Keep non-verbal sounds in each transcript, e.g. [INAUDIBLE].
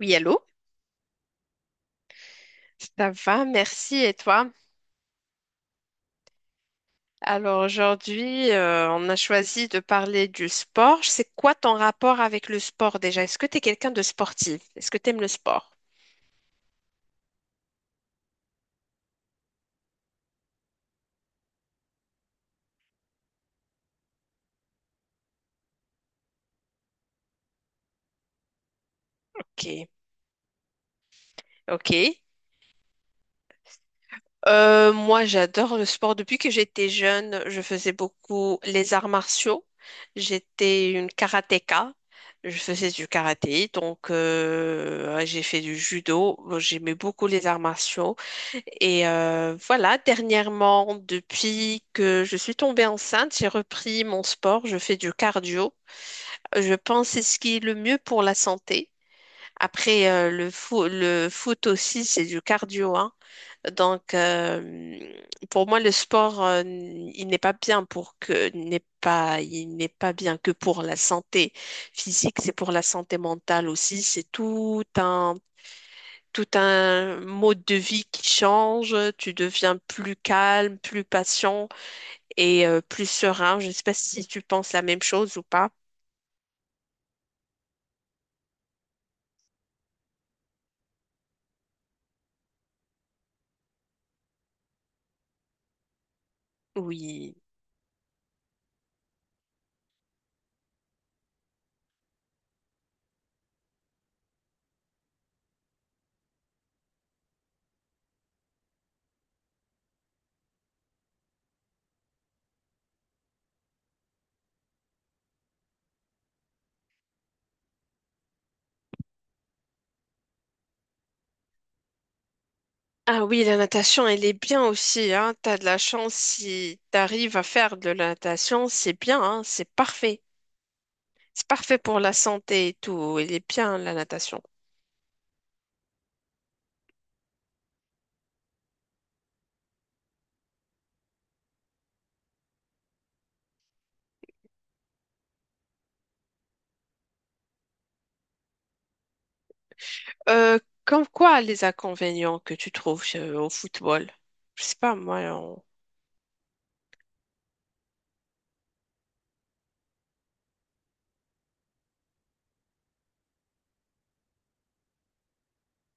Oui, allô? Ça va, merci. Et toi? Alors aujourd'hui, on a choisi de parler du sport. C'est quoi ton rapport avec le sport déjà? Est-ce que tu es quelqu'un de sportif? Est-ce que tu aimes le sport? Ok, ok. Moi, j'adore le sport. Depuis que j'étais jeune, je faisais beaucoup les arts martiaux. J'étais une karatéka. Je faisais du karaté, donc ouais, j'ai fait du judo. J'aimais beaucoup les arts martiaux. Et voilà, dernièrement, depuis que je suis tombée enceinte, j'ai repris mon sport, je fais du cardio. Je pense que c'est ce qui est le mieux pour la santé. Après, le foot aussi, c'est du cardio, hein. Donc, pour moi, le sport, il n'est pas bien pour que, n'est pas, il n'est pas bien que pour la santé physique, c'est pour la santé mentale aussi. C'est tout un mode de vie qui change, tu deviens plus calme, plus patient et plus serein. Je ne sais pas si tu penses la même chose ou pas. Oui. Ah oui, la natation, elle est bien aussi, hein. T'as de la chance si t'arrives à faire de la natation, c'est bien, hein. C'est parfait. C'est parfait pour la santé et tout. Elle est bien, la natation. Euh, comme quoi les inconvénients que tu trouves au football? Je sais pas, moi, on...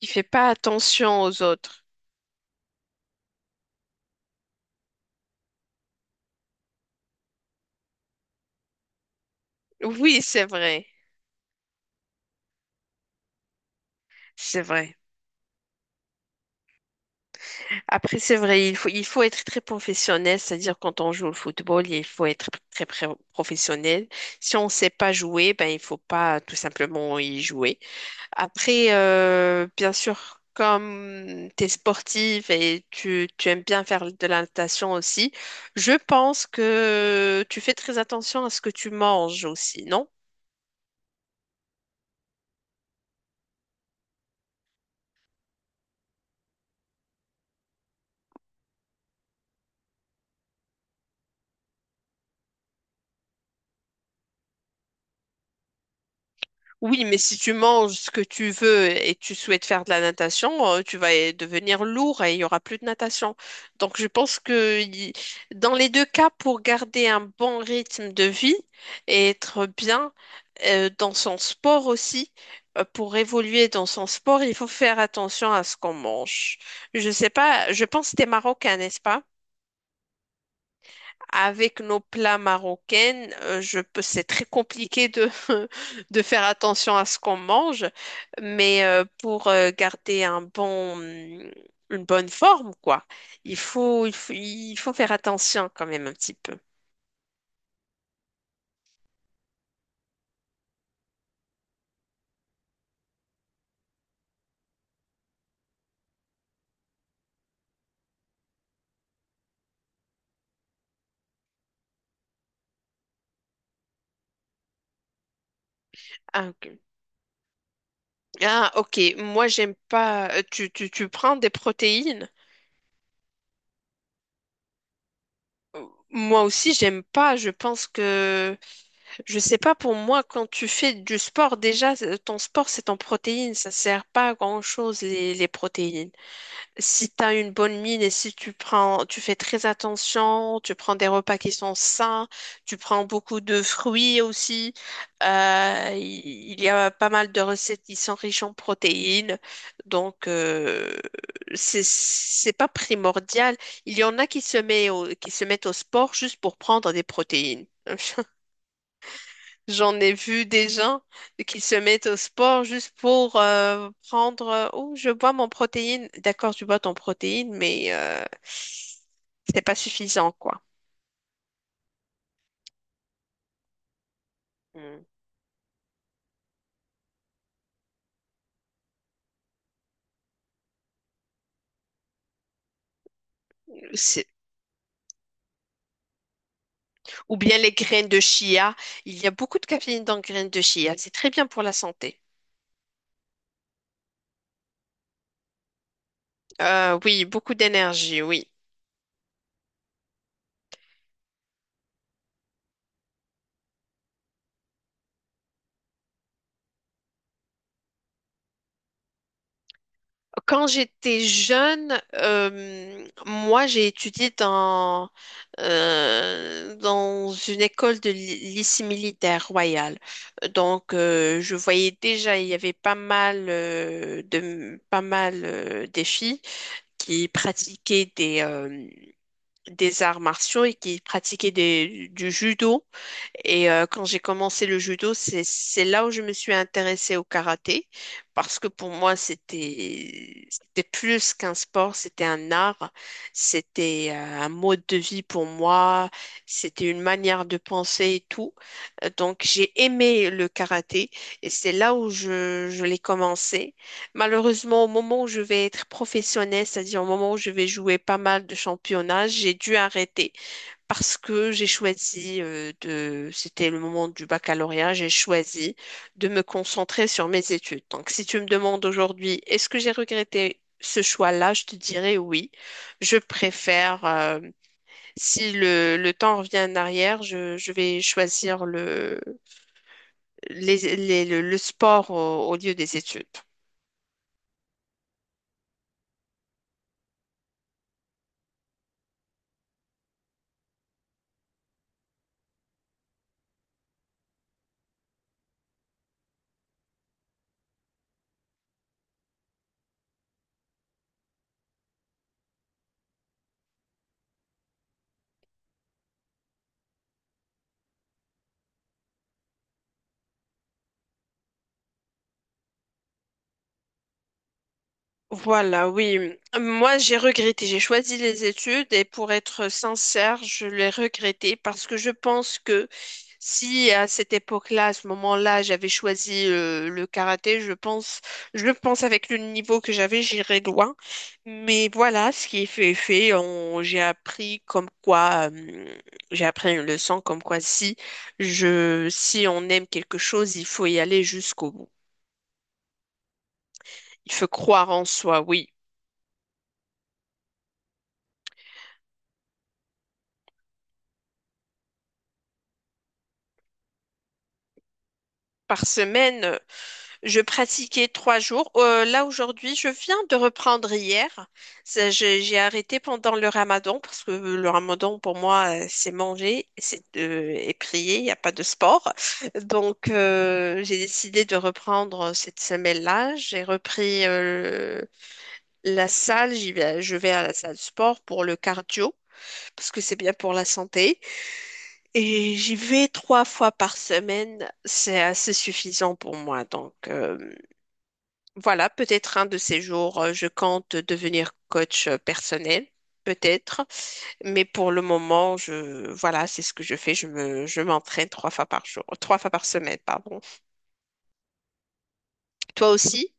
il fait pas attention aux autres. Oui, c'est vrai, c'est vrai. Après, c'est vrai, il faut être très professionnel, c'est-à-dire quand on joue au football, il faut être très, professionnel. Si on ne sait pas jouer, ben, il faut pas tout simplement y jouer. Après, bien sûr, comme tu es sportive et tu aimes bien faire de la natation aussi, je pense que tu fais très attention à ce que tu manges aussi, non? Oui, mais si tu manges ce que tu veux et tu souhaites faire de la natation, tu vas devenir lourd et il y aura plus de natation. Donc, je pense que dans les deux cas, pour garder un bon rythme de vie et être bien dans son sport aussi, pour évoluer dans son sport, il faut faire attention à ce qu'on mange. Je sais pas, je pense que tu es marocain, n'est-ce pas? Avec nos plats marocains, je peux, c'est très compliqué de, [LAUGHS] de faire attention à ce qu'on mange, mais pour garder un bon, une bonne forme, quoi, il faut faire attention quand même un petit peu. Ah, ok. Ah, ok. Moi, j'aime pas. Tu prends des protéines? Moi aussi, j'aime pas. Je pense que je sais pas, pour moi, quand tu fais du sport, déjà, ton sport, c'est en protéines. Ça sert pas à grand-chose, les protéines. Si tu as une bonne mine et si tu prends, tu fais très attention, tu prends des repas qui sont sains, tu prends beaucoup de fruits aussi. Il y a pas mal de recettes qui sont riches en protéines. Donc, c'est pas primordial. Il y en a qui se mettent au sport juste pour prendre des protéines. [LAUGHS] J'en ai vu des gens qui se mettent au sport juste pour prendre, oh, je bois mon protéine. D'accord, tu bois ton protéine, mais c'est pas suffisant, quoi. Hmm. C'est- Ou bien les graines de chia. Il y a beaucoup de caféine dans les graines de chia. C'est très bien pour la santé. Oui, beaucoup d'énergie, oui. Quand j'étais jeune, moi j'ai étudié dans, dans une école de lycée militaire royal. Donc je voyais déjà, il y avait pas mal des filles qui pratiquaient des arts martiaux et qui pratiquaient du judo. Et quand j'ai commencé le judo, c'est là où je me suis intéressée au karaté parce que pour moi c'était plus qu'un sport, c'était un art, c'était un mode de vie pour moi, c'était une manière de penser et tout. Donc j'ai aimé le karaté et c'est là où je l'ai commencé. Malheureusement, au moment où je vais être professionnelle, c'est-à-dire au moment où je vais jouer pas mal de championnats, j'ai dû arrêter parce que j'ai choisi c'était le moment du baccalauréat, j'ai choisi de me concentrer sur mes études. Donc, si tu me demandes aujourd'hui, est-ce que j'ai regretté ce choix-là, je te dirais oui. Je préfère, si le temps revient en arrière, je vais choisir le, les- le sport au lieu des études. Voilà, oui. Moi, j'ai regretté. J'ai choisi les études et pour être sincère, je l'ai regretté parce que je pense que si à cette époque-là, à ce moment-là, j'avais choisi le karaté, je pense avec le niveau que j'avais, j'irais loin. Mais voilà, ce qui est fait est fait. J'ai appris comme quoi, j'ai appris une leçon comme quoi si on aime quelque chose, il faut y aller jusqu'au bout. Il faut croire en soi, oui. Par semaine. Je pratiquais trois jours. Là, aujourd'hui, je viens de reprendre hier. J'ai arrêté pendant le ramadan parce que le ramadan, pour moi, c'est manger, c'est et prier, il n'y a pas de sport. Donc, j'ai décidé de reprendre cette semaine-là. J'ai repris la salle. Je vais à la salle de sport pour le cardio parce que c'est bien pour la santé. Et j'y vais trois fois par semaine. C'est assez suffisant pour moi. Donc, voilà, peut-être un de ces jours, je compte devenir coach personnel, peut-être. Mais pour le moment, voilà, c'est ce que je fais. Je m'entraîne trois fois par semaine, pardon. Toi aussi?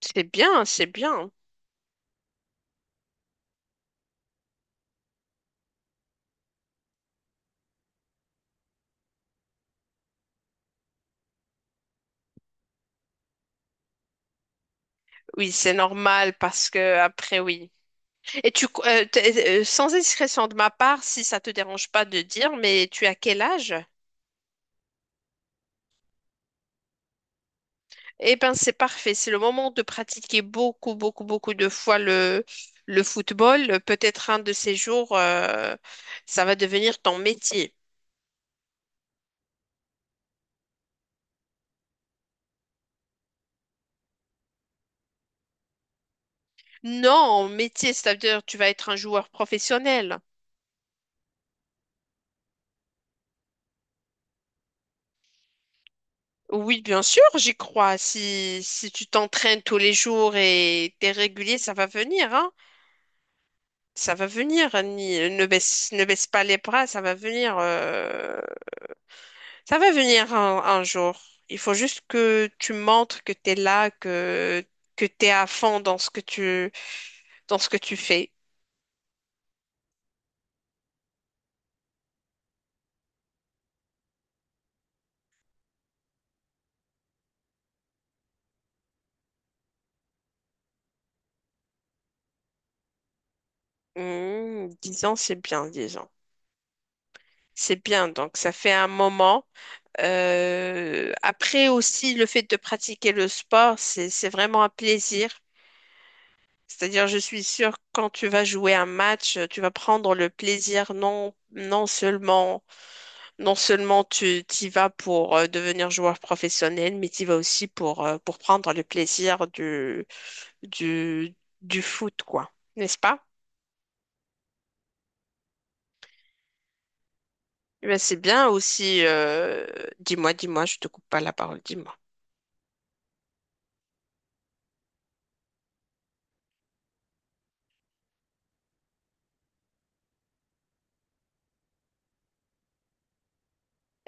C'est bien, c'est bien. Oui, c'est normal parce que après, oui. Et sans indiscrétion de ma part, si ça te dérange pas de dire, mais tu as quel âge? Eh ben c'est parfait. C'est le moment de pratiquer beaucoup, beaucoup, beaucoup de fois le football. Peut-être un de ces jours, ça va devenir ton métier. Non, métier, c'est-à-dire tu vas être un joueur professionnel. Oui, bien sûr, j'y crois. Si tu t'entraînes tous les jours et t'es régulier, ça va venir, hein. Ça va venir. Ne baisse, ne baisse pas les bras, ça va venir. Ça va venir un jour. Il faut juste que tu montres que tu es là, que tu es à fond dans ce que dans ce que tu fais. Mmh, 10 ans, c'est bien, dix ans. C'est bien, donc ça fait un moment. Après aussi, le fait de pratiquer le sport, c'est vraiment un plaisir. C'est-à-dire, je suis sûre que quand tu vas jouer un match, tu vas prendre le plaisir non seulement, non seulement tu y vas pour devenir joueur professionnel, mais tu y vas aussi pour prendre le plaisir du, du foot, quoi. N'est-ce pas? Eh ben, c'est bien aussi. Je te coupe pas la parole, dis-moi.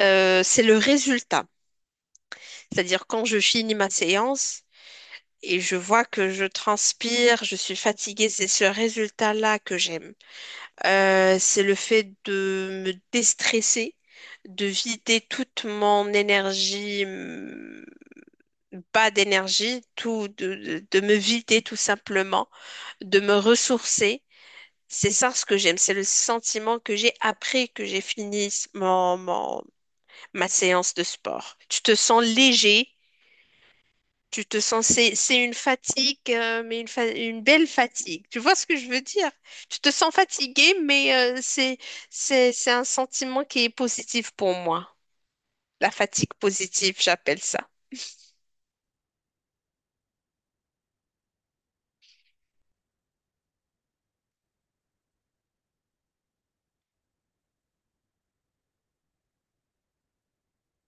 C'est le résultat. C'est-à-dire quand je finis ma séance et je vois que je transpire, je suis fatiguée, c'est ce résultat-là que j'aime. C'est le fait de me déstresser, de vider toute mon énergie, bas d'énergie, de me vider tout simplement, de me ressourcer. C'est ça ce que j'aime, c'est le sentiment que j'ai après que j'ai fini ma séance de sport. Tu te sens léger, tu te sens, c'est une fatigue, mais une belle fatigue. Tu vois ce que je veux dire? Tu te sens fatigué, mais c'est un sentiment qui est positif pour moi. La fatigue positive, j'appelle ça.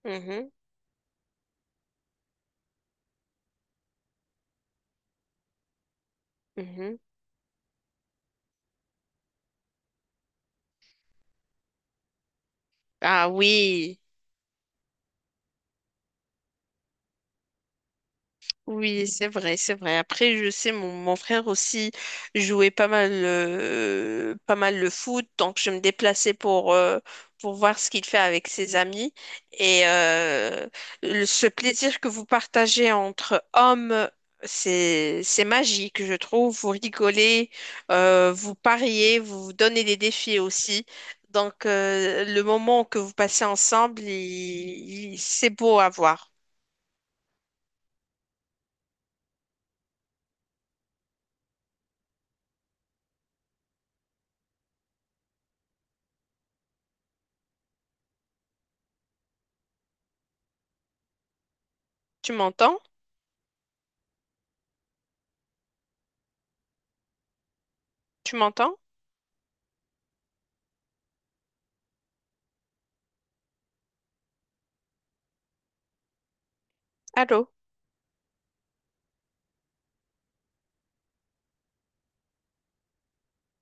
Mhm, mhm. Ah oui. Oui, c'est vrai, c'est vrai. Après, je sais, mon frère aussi jouait pas mal le foot, donc je me déplaçais pour voir ce qu'il fait avec ses amis. Et ce plaisir que vous partagez entre hommes, c'est magique, je trouve. Vous rigolez, vous pariez, vous vous donnez des défis aussi. Donc, le moment que vous passez ensemble, c'est beau à voir. Tu m'entends? Tu m'entends? Allô?